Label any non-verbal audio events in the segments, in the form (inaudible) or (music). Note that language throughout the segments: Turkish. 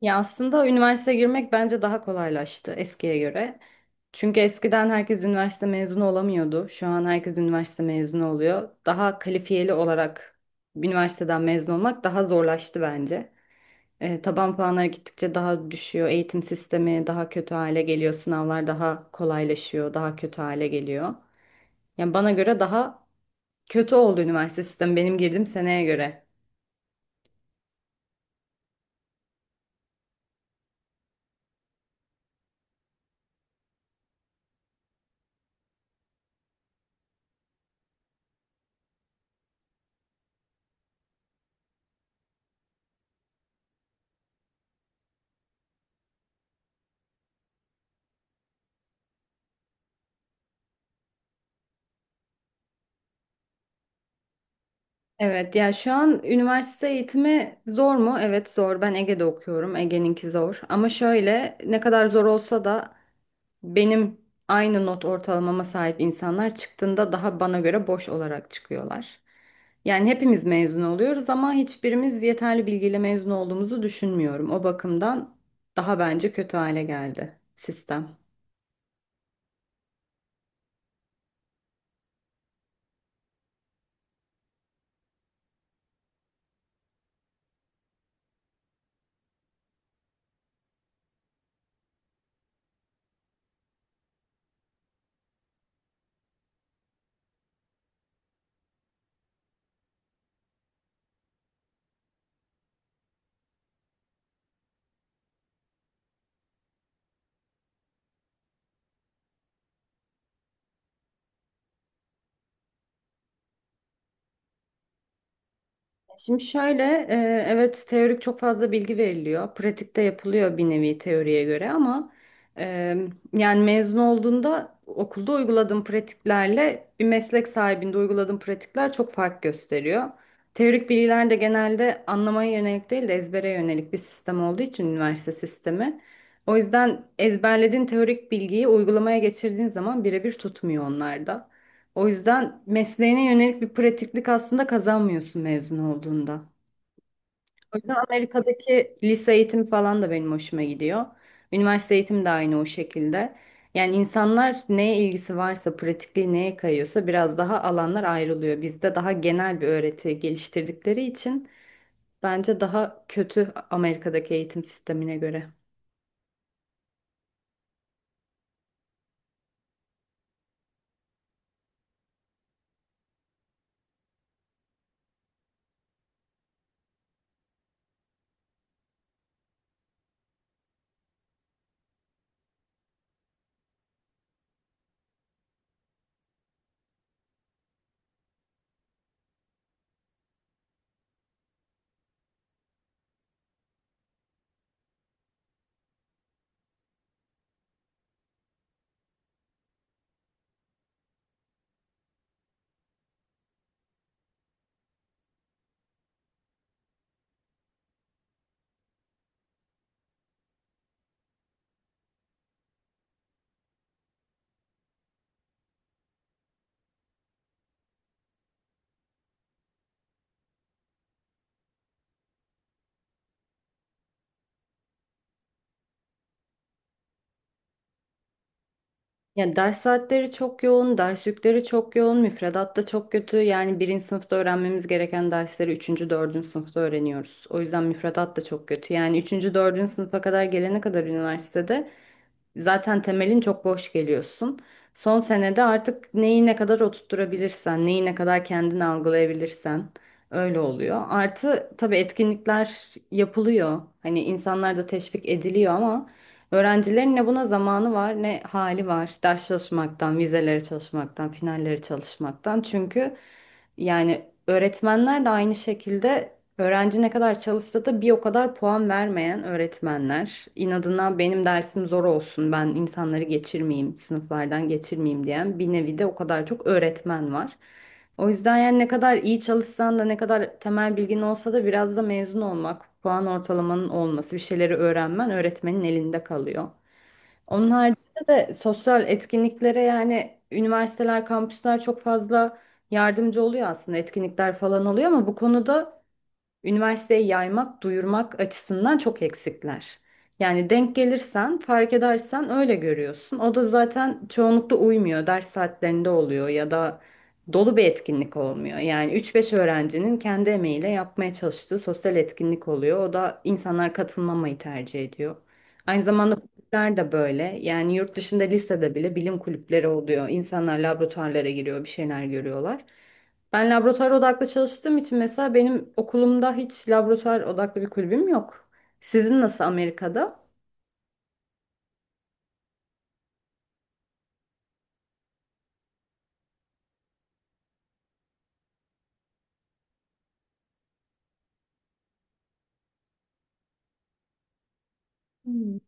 Ya aslında üniversiteye girmek bence daha kolaylaştı eskiye göre. Çünkü eskiden herkes üniversite mezunu olamıyordu. Şu an herkes üniversite mezunu oluyor. Daha kalifiyeli olarak üniversiteden mezun olmak daha zorlaştı bence. Taban puanları gittikçe daha düşüyor. Eğitim sistemi daha kötü hale geliyor. Sınavlar daha kolaylaşıyor, daha kötü hale geliyor. Yani bana göre daha kötü oldu üniversite sistemi benim girdiğim seneye göre. Evet ya, şu an üniversite eğitimi zor mu? Evet zor. Ben Ege'de okuyorum. Ege'ninki zor. Ama şöyle, ne kadar zor olsa da benim aynı not ortalamama sahip insanlar çıktığında daha bana göre boş olarak çıkıyorlar. Yani hepimiz mezun oluyoruz ama hiçbirimiz yeterli bilgiyle mezun olduğumuzu düşünmüyorum. O bakımdan daha bence kötü hale geldi sistem. Şimdi şöyle, evet teorik çok fazla bilgi veriliyor. Pratikte yapılıyor bir nevi teoriye göre ama e, yani mezun olduğunda okulda uyguladığım pratiklerle bir meslek sahibinde uyguladığım pratikler çok fark gösteriyor. Teorik bilgiler de genelde anlamaya yönelik değil de ezbere yönelik bir sistem olduğu için üniversite sistemi. O yüzden ezberlediğin teorik bilgiyi uygulamaya geçirdiğin zaman birebir tutmuyor onlarda. O yüzden mesleğine yönelik bir pratiklik aslında kazanmıyorsun mezun olduğunda. O yüzden Amerika'daki lise eğitimi falan da benim hoşuma gidiyor. Üniversite eğitimi de aynı o şekilde. Yani insanlar neye ilgisi varsa, pratikliği neye kayıyorsa biraz daha alanlar ayrılıyor. Bizde daha genel bir öğreti geliştirdikleri için bence daha kötü Amerika'daki eğitim sistemine göre. Yani ders saatleri çok yoğun, ders yükleri çok yoğun, müfredat da çok kötü. Yani birinci sınıfta öğrenmemiz gereken dersleri üçüncü, dördüncü sınıfta öğreniyoruz. O yüzden müfredat da çok kötü. Yani üçüncü, dördüncü sınıfa kadar gelene kadar üniversitede zaten temelin çok boş geliyorsun. Son senede artık neyi ne kadar oturtturabilirsen, neyi ne kadar kendini algılayabilirsen öyle oluyor. Artı tabii etkinlikler yapılıyor. Hani insanlar da teşvik ediliyor ama öğrencilerin ne buna zamanı var ne hali var. Ders çalışmaktan, vizelere çalışmaktan, finallere çalışmaktan. Çünkü yani öğretmenler de aynı şekilde öğrenci ne kadar çalışsa da bir o kadar puan vermeyen öğretmenler, inadına benim dersim zor olsun, ben insanları geçirmeyeyim, sınıflardan geçirmeyeyim diyen bir nevi de o kadar çok öğretmen var. O yüzden yani ne kadar iyi çalışsan da ne kadar temel bilgin olsa da biraz da mezun olmak, puan ortalamanın olması, bir şeyleri öğrenmen öğretmenin elinde kalıyor. Onun haricinde de sosyal etkinliklere yani üniversiteler, kampüsler çok fazla yardımcı oluyor aslında, etkinlikler falan oluyor ama bu konuda üniversiteye yaymak, duyurmak açısından çok eksikler. Yani denk gelirsen, fark edersen öyle görüyorsun. O da zaten çoğunlukla uymuyor. Ders saatlerinde oluyor ya da dolu bir etkinlik olmuyor. Yani üç beş öğrencinin kendi emeğiyle yapmaya çalıştığı sosyal etkinlik oluyor. O da insanlar katılmamayı tercih ediyor. Aynı zamanda kulüpler de böyle. Yani yurt dışında lisede bile bilim kulüpleri oluyor. İnsanlar laboratuvarlara giriyor, bir şeyler görüyorlar. Ben laboratuvar odaklı çalıştığım için mesela benim okulumda hiç laboratuvar odaklı bir kulübüm yok. Sizin nasıl Amerika'da? Hmm.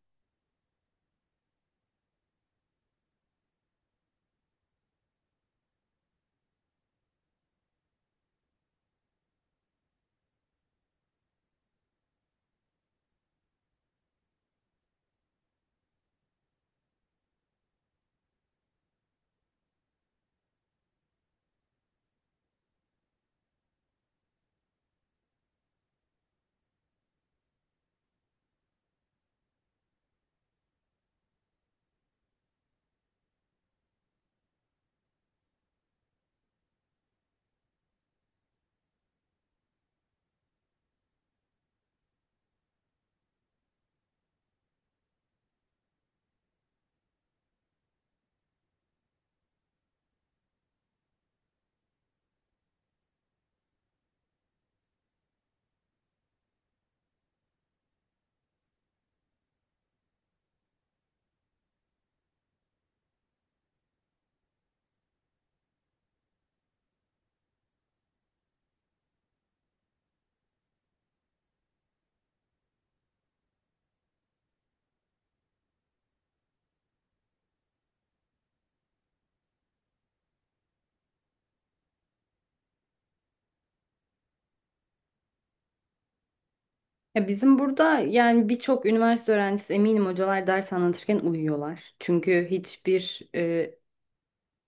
Ya bizim burada yani birçok üniversite öğrencisi, eminim hocalar ders anlatırken uyuyorlar. Çünkü hiçbir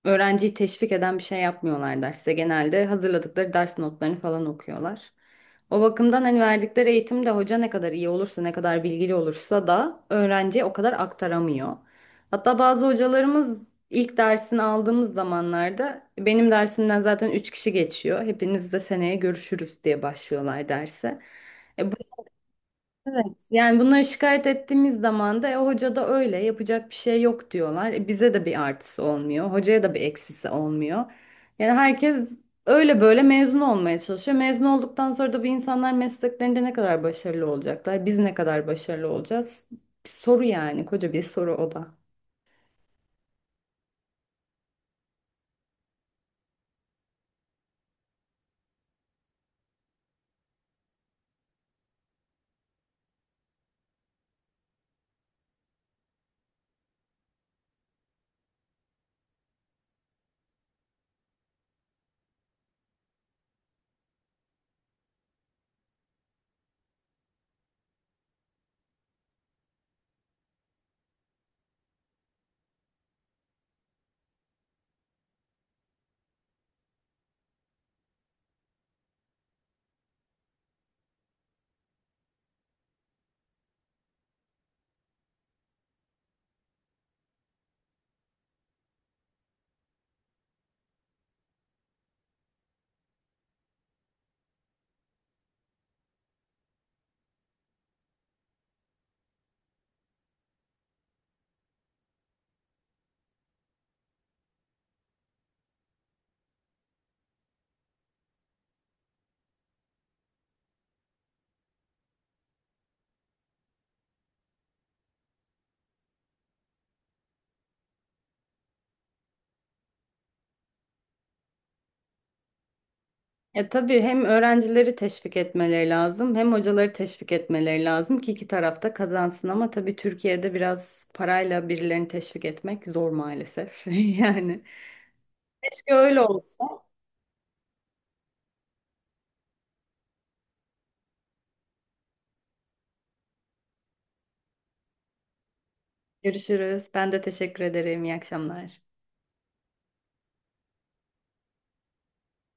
öğrenciyi teşvik eden bir şey yapmıyorlar derste. Genelde hazırladıkları ders notlarını falan okuyorlar. O bakımdan hani verdikleri eğitimde hoca ne kadar iyi olursa, ne kadar bilgili olursa da öğrenciye o kadar aktaramıyor. Hatta bazı hocalarımız ilk dersini aldığımız zamanlarda, benim dersimden zaten 3 kişi geçiyor, hepinizle seneye görüşürüz diye başlıyorlar derse. E, Evet, yani bunları şikayet ettiğimiz zaman da hoca da öyle, yapacak bir şey yok diyorlar. Bize de bir artısı olmuyor, hocaya da bir eksisi olmuyor. Yani herkes öyle böyle mezun olmaya çalışıyor. Mezun olduktan sonra da bu insanlar mesleklerinde ne kadar başarılı olacaklar, biz ne kadar başarılı olacağız? Bir soru yani, koca bir soru o da. Ya tabii hem öğrencileri teşvik etmeleri lazım, hem hocaları teşvik etmeleri lazım ki iki tarafta kazansın ama tabii Türkiye'de biraz parayla birilerini teşvik etmek zor maalesef. (laughs) Yani keşke öyle olsa. Görüşürüz. Ben de teşekkür ederim. İyi akşamlar.